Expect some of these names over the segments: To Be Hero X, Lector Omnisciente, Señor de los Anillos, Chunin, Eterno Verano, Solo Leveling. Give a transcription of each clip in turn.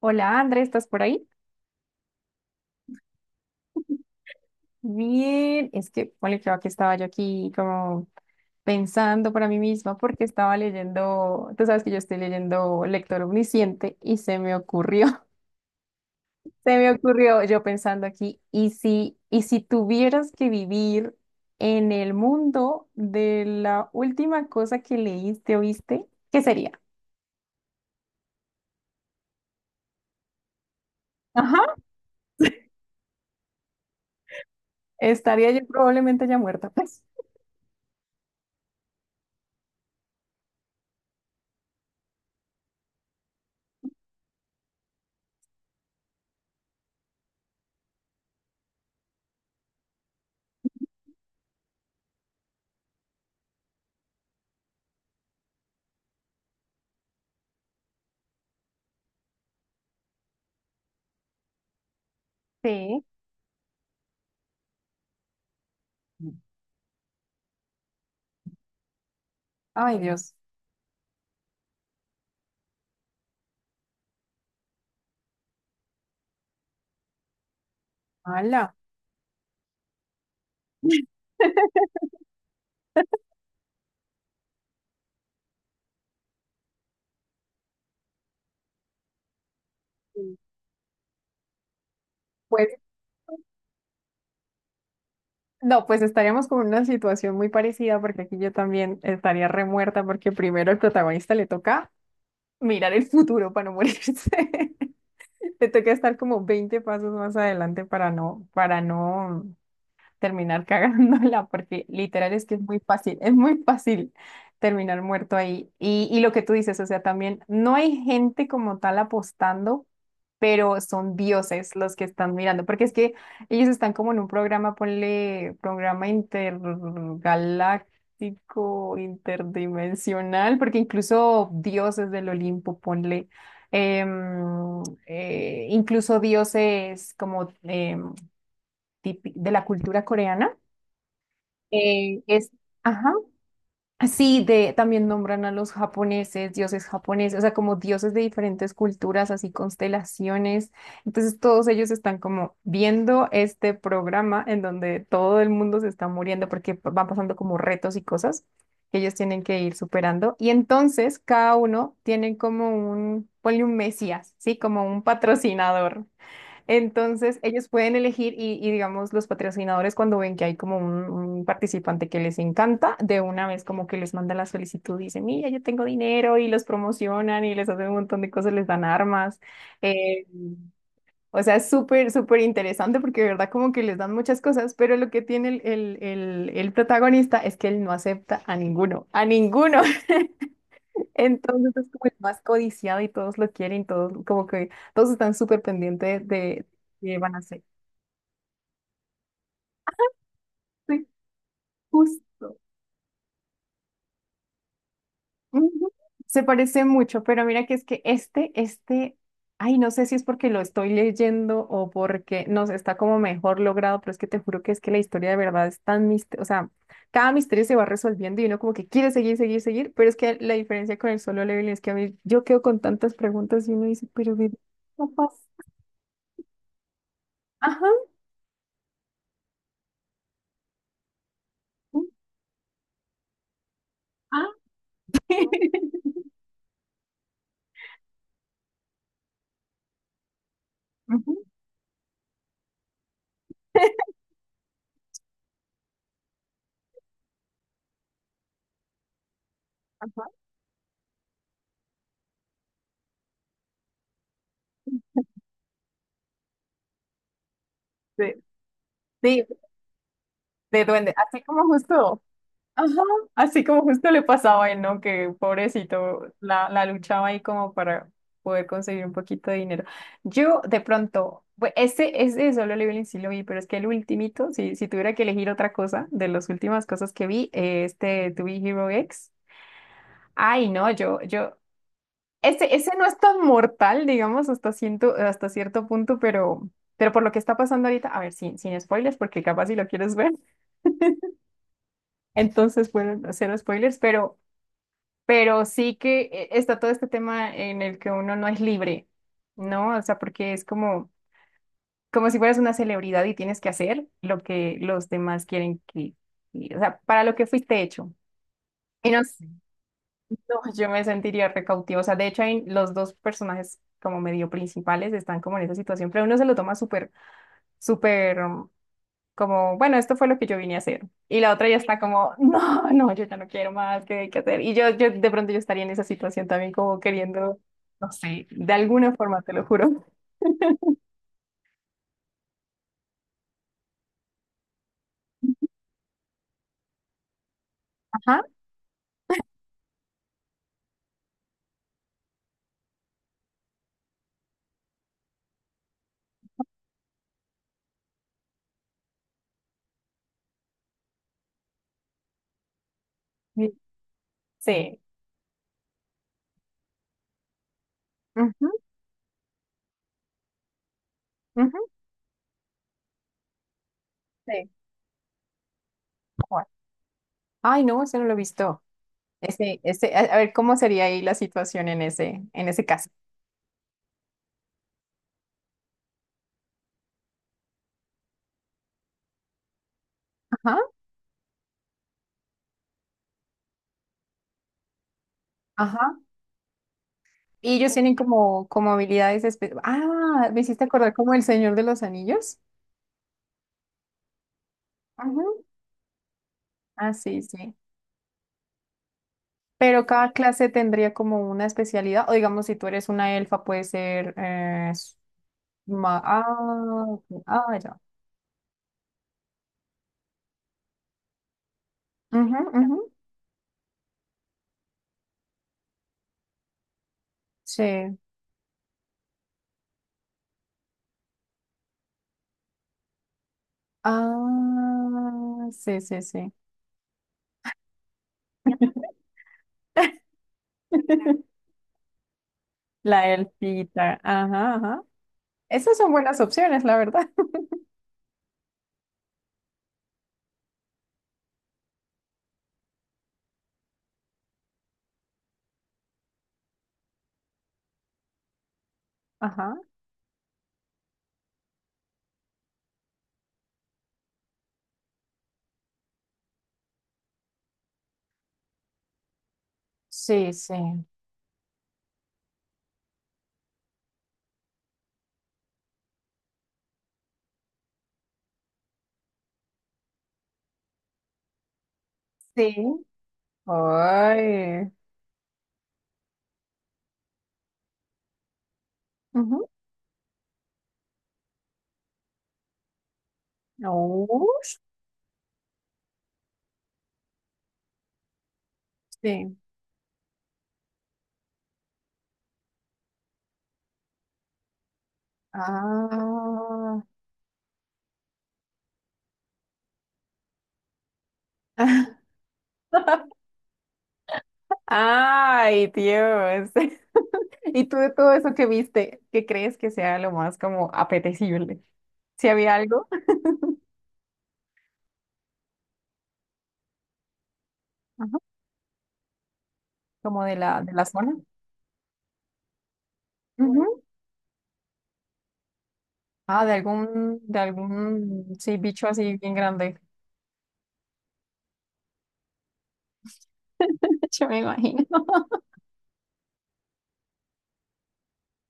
Hola, André, ¿estás por ahí? Bien, es que, bueno, creo que estaba yo aquí como pensando para mí misma porque estaba leyendo. Tú sabes que yo estoy leyendo Lector Omnisciente y se me ocurrió. Se me ocurrió yo pensando aquí: ¿y si tuvieras que vivir en el mundo de la última cosa que leíste o viste? ¿Qué sería? Ajá. Estaría yo probablemente ya muerta, pues. Sí. Ay, Dios. Hala. Pues no, pues estaríamos con una situación muy parecida porque aquí yo también estaría remuerta porque primero al protagonista le toca mirar el futuro para no morirse. Le toca estar como 20 pasos más adelante para no terminar cagándola, porque literal es que es muy fácil terminar muerto ahí. Y lo que tú dices, o sea, también no hay gente como tal apostando, pero son dioses los que están mirando, porque es que ellos están como en un programa, ponle, programa intergaláctico, interdimensional, porque incluso dioses del Olimpo, ponle, incluso dioses como, de la cultura coreana. Es, ajá, sí, de, también nombran a los japoneses, dioses japoneses, o sea, como dioses de diferentes culturas, así, constelaciones. Entonces, todos ellos están como viendo este programa en donde todo el mundo se está muriendo porque van pasando como retos y cosas que ellos tienen que ir superando. Y entonces, cada uno tiene como un, ponle, un mesías, ¿sí? Como un patrocinador. Entonces, ellos pueden elegir y, digamos, los patrocinadores, cuando ven que hay como un participante que les encanta, de una vez como que les manda la solicitud y dicen: mira, yo tengo dinero, y los promocionan y les hacen un montón de cosas, les dan armas. eh, o sea, es súper, súper interesante porque de verdad como que les dan muchas cosas, pero lo que tiene el protagonista es que él no acepta a ninguno, a ninguno. Entonces, es como el más codiciado y todos lo quieren, todos como que todos están súper pendientes de qué van a hacer. Sí, justo. Ujú. Se parece mucho, pero mira que es que este, ay, no sé si es porque lo estoy leyendo o porque, no sé, está como mejor logrado, pero es que te juro que es que la historia de verdad es tan misteriosa, o sea, cada misterio se va resolviendo y uno como que quiere seguir, seguir, seguir, pero es que la diferencia con el solo level es que a mí yo quedo con tantas preguntas y uno dice, pero ¿qué pasa? Ajá. Ah. Ujú. Ajá. Sí, sí, de duende, así como justo. Ajá, así como justo le pasaba a él, ¿no? Que pobrecito, la luchaba ahí como para poder conseguir un poquito de dinero. Yo, de pronto, ese, ese de Solo Leveling sí lo vi, pero es que el ultimito, si, si tuviera que elegir otra cosa de las últimas cosas que vi, este To Be Hero X. Ay, no, yo, ese, ese no es tan mortal, digamos, hasta cierto punto, pero por lo que está pasando ahorita, a ver, sin, sin spoilers, porque capaz si lo quieres ver, entonces, bueno, cero spoilers. Pero. Pero sí que está todo este tema en el que uno no es libre, ¿no? O sea, porque es como, como si fueras una celebridad y tienes que hacer lo que los demás quieren, que, y, o sea, para lo que fuiste hecho. Y no, no, yo me sentiría recautiva. O sea, de hecho, hay los dos personajes como medio principales, están como en esa situación, pero uno se lo toma súper, súper como: bueno, esto fue lo que yo vine a hacer. Y la otra ya está como: no, no, yo ya no quiero más, ¿qué hay que hacer? Y yo de pronto yo estaría en esa situación también como queriendo, no sé, de alguna forma, te lo juro. Ajá. Sí. Sí. Ujú, ujú, sí. Bueno. Ay, no, ese no lo he visto. Ese, a ver, ¿cómo sería ahí la situación en ese caso? Ajá, ajá. Y ellos tienen como, como habilidades ah, me hiciste acordar como el Señor de los Anillos. Ajá. Ah, sí, sí. Pero cada clase tendría como una especialidad, o digamos, si tú eres una elfa, puede ser, ah, ok, ah, ya. Ujú, ujú, sí. Ah, sí, sí, sí. La elfita. Ajá, ajá. Esas son buenas opciones, la verdad. Ajá. Sí, sí. Sí. Ay. Ujú. Ush. Sí. Ah. Ay, Dios. Y tú, de todo eso que viste, ¿qué crees que sea lo más como apetecible? Si había algo, ajá, como de la zona. Ujú. Ah, de algún, sí, bicho así bien grande. Yo me imagino.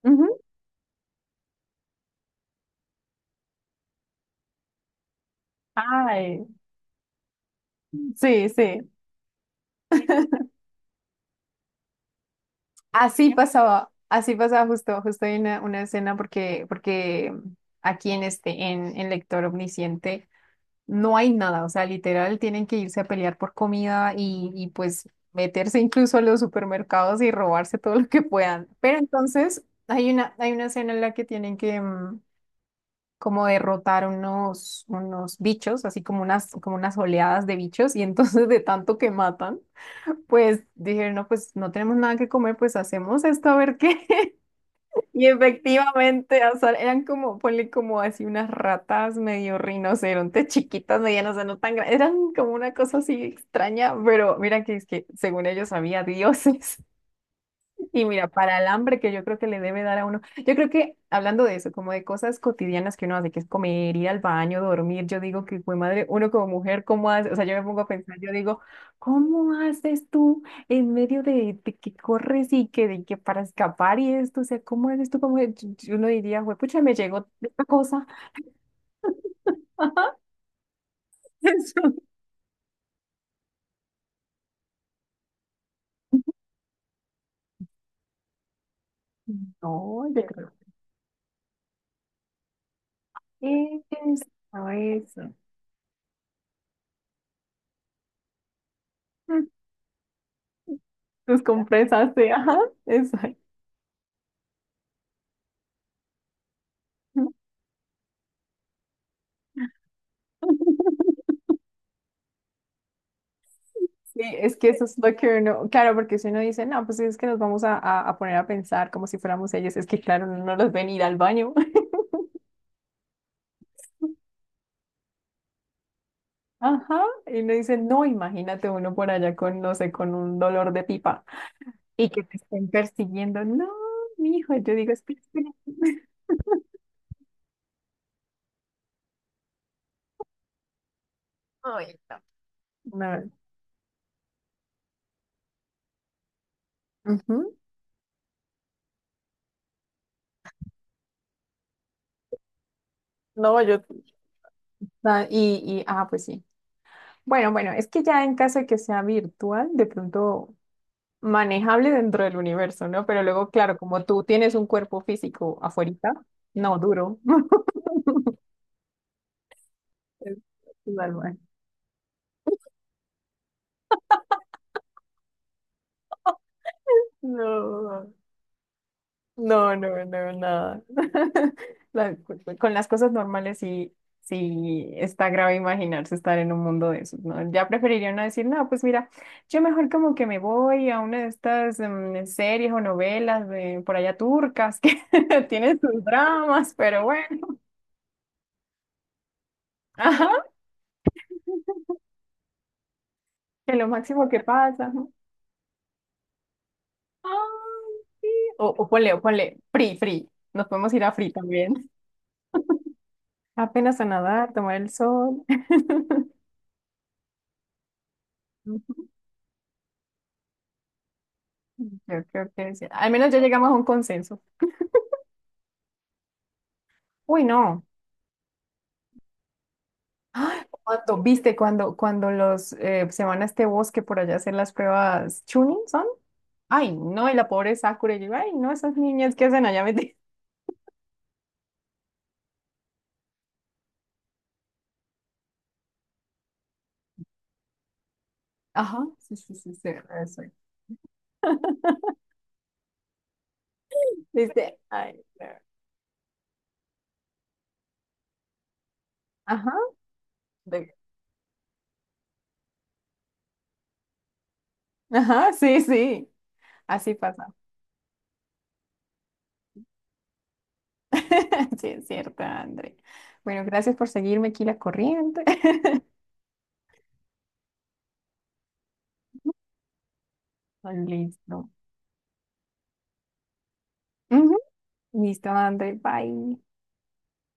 Ujú. Ay, sí, sí. Así pasaba, así pasaba, justo, justo hay una escena porque, porque aquí en Lector Omnisciente no hay nada. O sea, literal, tienen que irse a pelear por comida y pues meterse incluso a los supermercados y robarse todo lo que puedan. Pero entonces hay una escena en la que tienen que como derrotar unos, unos bichos, así como como unas oleadas de bichos, y entonces, de tanto que matan, pues dijeron: no, pues no tenemos nada que comer, pues hacemos esto, a ver qué. Y efectivamente, o sea, eran como, ponle, como así unas ratas medio rinocerontes, chiquitas, medianas, o sea, no tan grandes, eran como una cosa así extraña, pero mira que es que según ellos había dioses. Y mira, para el hambre que yo creo que le debe dar a uno, yo creo que, hablando de eso, como de cosas cotidianas que uno hace, que es comer, ir al baño, dormir, yo digo que, pues madre, uno como mujer, ¿cómo hace? O sea, yo me pongo a pensar, yo digo: ¿cómo haces tú en medio de que corres y que, de que para escapar y esto? O sea, ¿cómo haces tú como mujer? Uno diría: pucha, me llegó esta cosa. Eso. No, yo creo que eso, eso. Mm, tus compresas, sí, ajá, exacto. Sí, es que eso es lo que uno, claro, porque si uno dice: no, pues es que nos vamos a, a poner a pensar como si fuéramos ellos, es que claro, uno no los ven ir al baño. Ajá, y uno dice: no, imagínate uno por allá con, no sé, con un dolor de pipa y que te estén persiguiendo. No, mijo, yo digo: espera, espera. Ay, no. No, ujú. No, yo, ah, ah, pues sí. Bueno, bueno, es que ya en caso de que sea virtual, de pronto manejable dentro del universo, ¿no? Pero luego, claro, como tú tienes un cuerpo físico afuerita, no, duro. Es- es no, no, no, no, nada. La- con las cosas normales, sí, sí está grave imaginarse estar en un mundo de esos, ¿no? Ya preferiría no decir, no, pues mira, yo mejor como que me voy a una de estas series o novelas de por allá turcas que tienen sus dramas, pero bueno. Ajá, que lo máximo que pasa, ¿no? Ay, o ponle, free, free. Nos podemos ir a free también. Apenas a nadar, tomar el sol. Ujú, yo creo que sí. Al menos ya llegamos a un consenso. Uy, no. Ay, cuando, viste, cuando los se van a este bosque por allá a hacer las pruebas Chunin, ¿son? Ay, no, y la pobre Sakura, y yo, ay, no, esas niñas que hacen allá metidas. Ajá, sí, sí, sí, sí, eso. Viste, ay, no. Ajá, de- ajá, sí, sí, así pasa. Sí, es cierto, André. Bueno, gracias por seguirme aquí la corriente. Listo. Ujú. Listo, André. Bye.